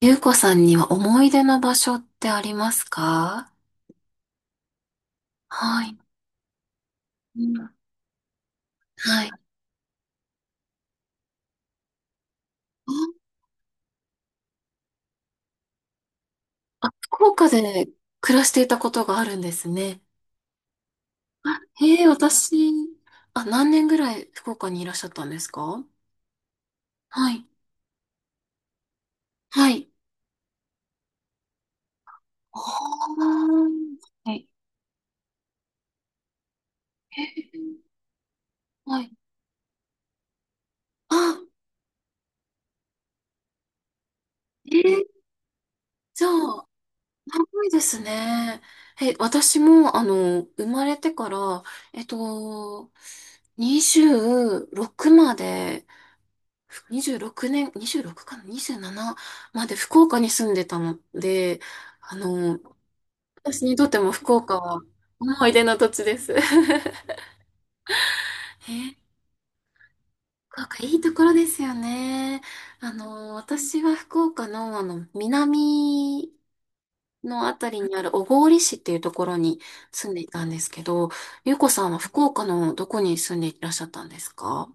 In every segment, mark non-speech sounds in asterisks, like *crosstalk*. ゆうこさんには思い出の場所ってありますか？はい。うん。はい。あ、あ、福岡で暮らしていたことがあるんですね。ええ、私、あ、何年ぐらい福岡にいらっしゃったんですか？はい。はい。ああ。はい。ええ、はい。あ、ええ、じゃあ、長いですね。私も、生まれてから、えっと、26まで、26年、26かな？ 27 まで福岡に住んでたので、あの、私にとっても福岡は思い出の土地です。*laughs* ね、福岡いいところですよね。私は福岡の、南のあたりにある小郡市っていうところに住んでいたんですけど、ゆうこさんは福岡のどこに住んでいらっしゃったんですか？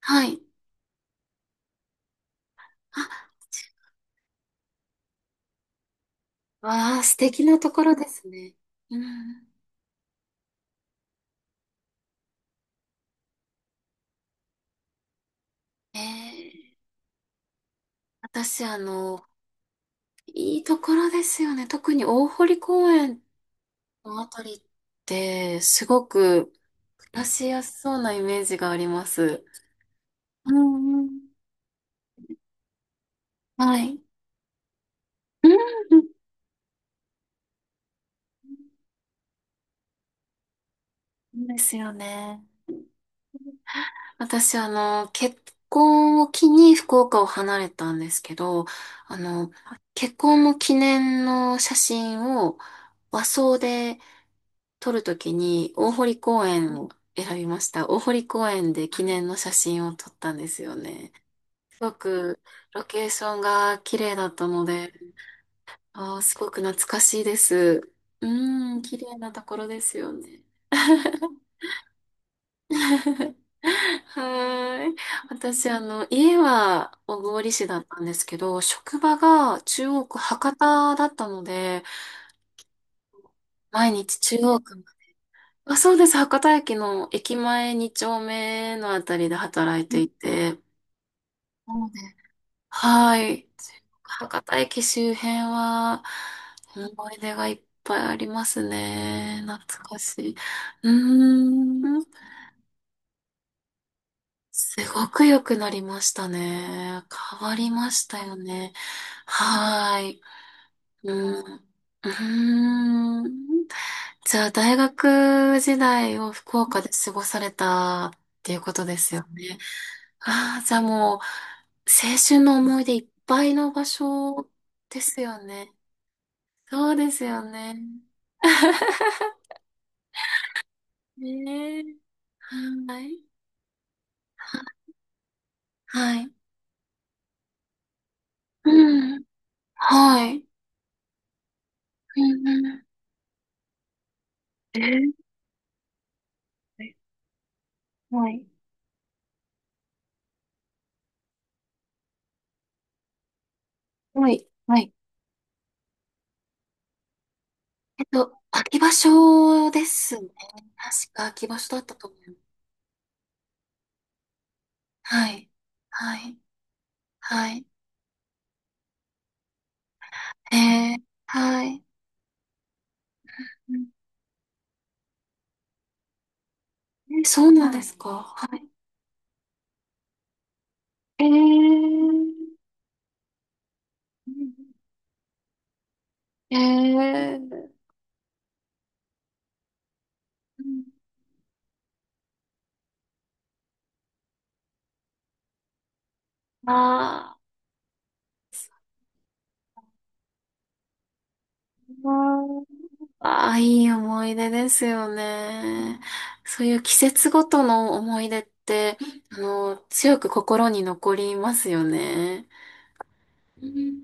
はい。あ、わあ、素敵なところですね。うん。えー私、いいところですよね。特に大堀公園のあたりって、すごく暮らしやすそうなイメージがあります。うんうん。はい。うん、そうですよね。私、結婚を機に福岡を離れたんですけど、あの、結婚の記念の写真を和装で撮るときに大堀公園を選びました。大堀公園で記念の写真を撮ったんですよね。すごくロケーションが綺麗だったので、あー、すごく懐かしいです。うーん、綺麗なところですよね。*laughs* はーい。私、家は小郡市だったんですけど、職場が中央区博多だったので、毎日中央区。あ、そうです。博多駅の駅前2丁目のあたりで働いていて。なので、はい。博多駅周辺は思い出がいっぱいありますね。懐かしい。うーん。すごく良くなりましたね。変わりましたよね。はい。うん。うーん。じゃあ、大学時代を福岡で過ごされたっていうことですよね。ああ、じゃあもう、青春の思い出いっぱいの場所ですよね。そうですよね。*laughs* ねえ。はい。はい。うん。はい。うんうん。えはい。はい。はい。秋場所ですね。確か秋場所だったと思う。はい。はい。はい。はい。うん。そうなんですか？はい。えー。うん。ええー。あー。あー、あ、いい思い出ですよね。そういう季節ごとの思い出って、強く心に残りますよね。うん。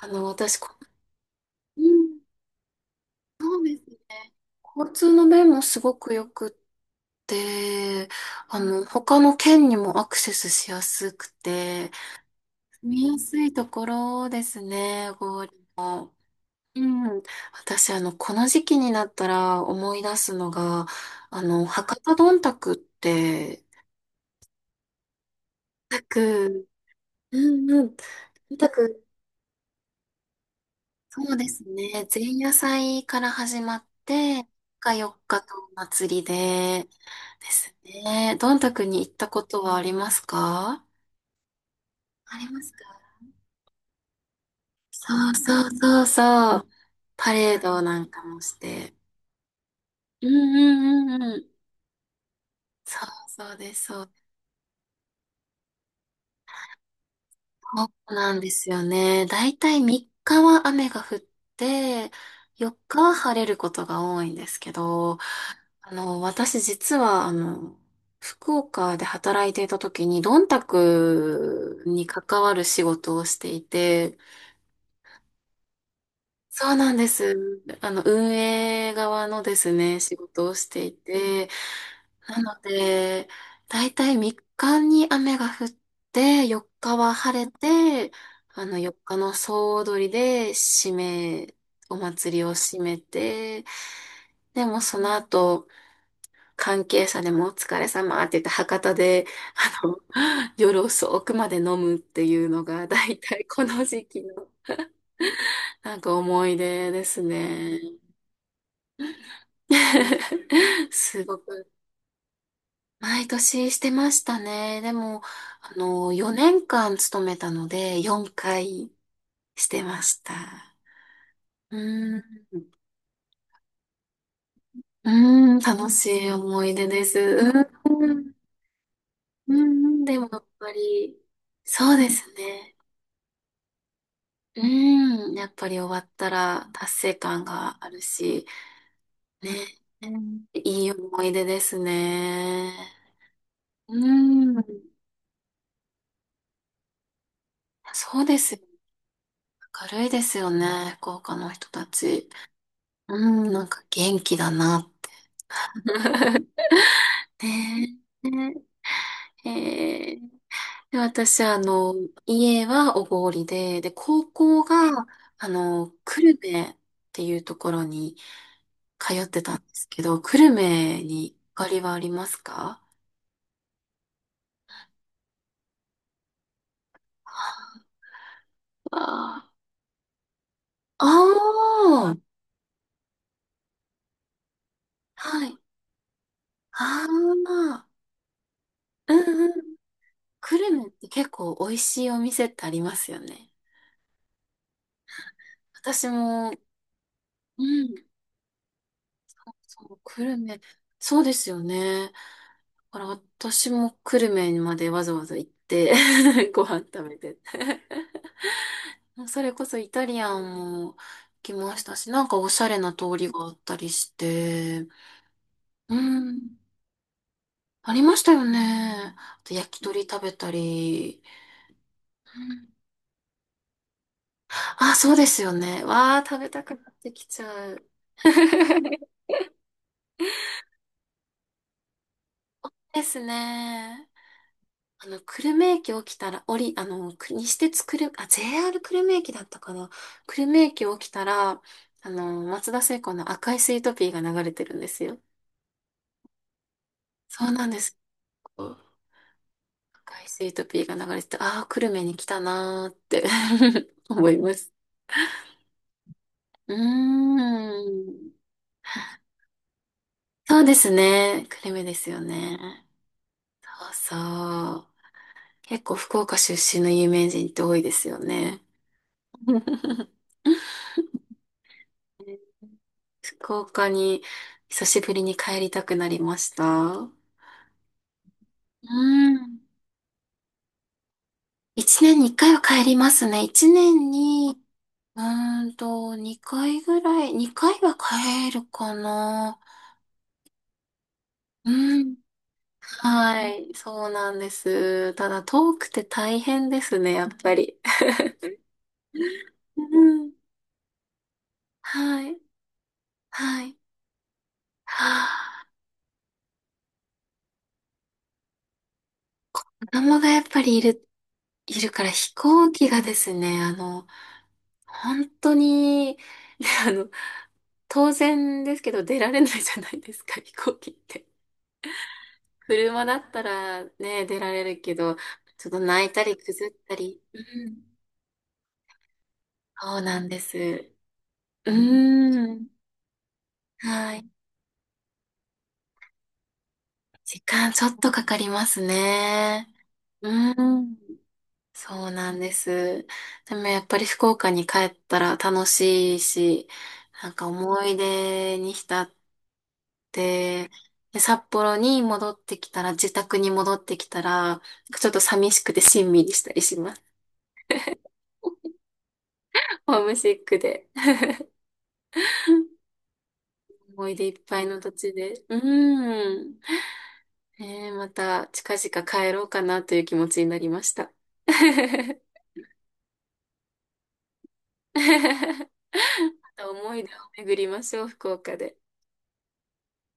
私、こ、うん、そうですね。交通の便もすごく良くって、他の県にもアクセスしやすくて、見やすいところですね、ゴールも。うん、私、この時期になったら思い出すのが、博多どんたくって、どんたく、うんうん、どんたく、そうですね、前夜祭から始まって、3日4日とお祭りで、ですね、どんたくに行ったことはありますか？ありますか？そうそうそうそう、パレードなんかもして。うんうんうんうん、そうそうです、そうそうなんですよね。だいたい3日は雨が降って、4日は晴れることが多いんですけど、私実は、福岡で働いていた時に、どんたくに関わる仕事をしていて、そうなんです。運営側のですね、仕事をしていて、なので、だいたい3日に雨が降って、4日は晴れて、4日の総踊りで締め、お祭りを締めて、でもその後、関係者でもお疲れ様って言って博多で、あの、夜遅くまで飲むっていうのが、だいたいこの時期の *laughs* なんか思い出ですね。*laughs* すごく。毎年してましたね。でも、4年間勤めたので、4回してました。うん。うん、楽しい思い出です。うん。うん、でもやっぱり、そうですね。うん、やっぱり終わったら達成感があるし、ね、うん、いい思い出ですね。うん。そうですよね。明るいですよね、福岡の人たち。うん、なんか元気だな。*laughs* ねえ。ね。えで、私、家は小郡で、で、高校が、久留米っていうところに通ってたんですけど、久留米にゆかりはありますか？ああー、はい。ああ、うんうん。久留米って結構美味しいお店ってありますよね。私も、うん、そう、久留米、そうですよね。だから私も久留米までわざわざ行って *laughs* ご飯食べて。*laughs* それこそイタリアンも来ましたし、なんかおしゃれな通りがあったりして、うん、ありましたよね。あと焼き鳥食べたり。うん、あ、そうですよね。わあ、食べたくなってきちゃう。*laughs* ですね。久留米駅起きたら、降り、く西鉄久留、あ、JR 久留米駅だったかな。久留米駅起きたら、松田聖子の赤いスイートピーが流れてるんですよ。そうなんです。赤いスイートピーが流れてて、ああ、久留米に来たなーって *laughs* 思います。うーん。そうですね。久留米ですよね。そうそう。結構福岡出身の有名人って多いですよね。*laughs* 福岡に久しぶりに帰りたくなりました。うん。一年に1回は帰りますね。一年に、二回ぐらい、二回は帰るかな。うん。はい。そうなんです。ただ、遠くて大変ですね、やっぱり。うん。はい。はい。はあ、子供がやっぱりいるから飛行機がですね、本当に、*laughs* あの当然ですけど出られないじゃないですか、*laughs* 飛行機って。車だったらね、出られるけど、ちょっと泣いたりぐずったり。うん、そうなんです。うーん。はい。時間ちょっとかかりますね。うーん。そうなんです。でもやっぱり福岡に帰ったら楽しいし、なんか思い出に浸っで、で札幌に戻ってきたら、自宅に戻ってきたら、なんかちょっと寂しくてしんみりしたりします。*laughs* ホームシックで。*laughs* 思い出いっぱいの土地で。うーん。ねえ、また近々帰ろうかなという気持ちになりました。*laughs* また思い出を巡りましょう、福岡で。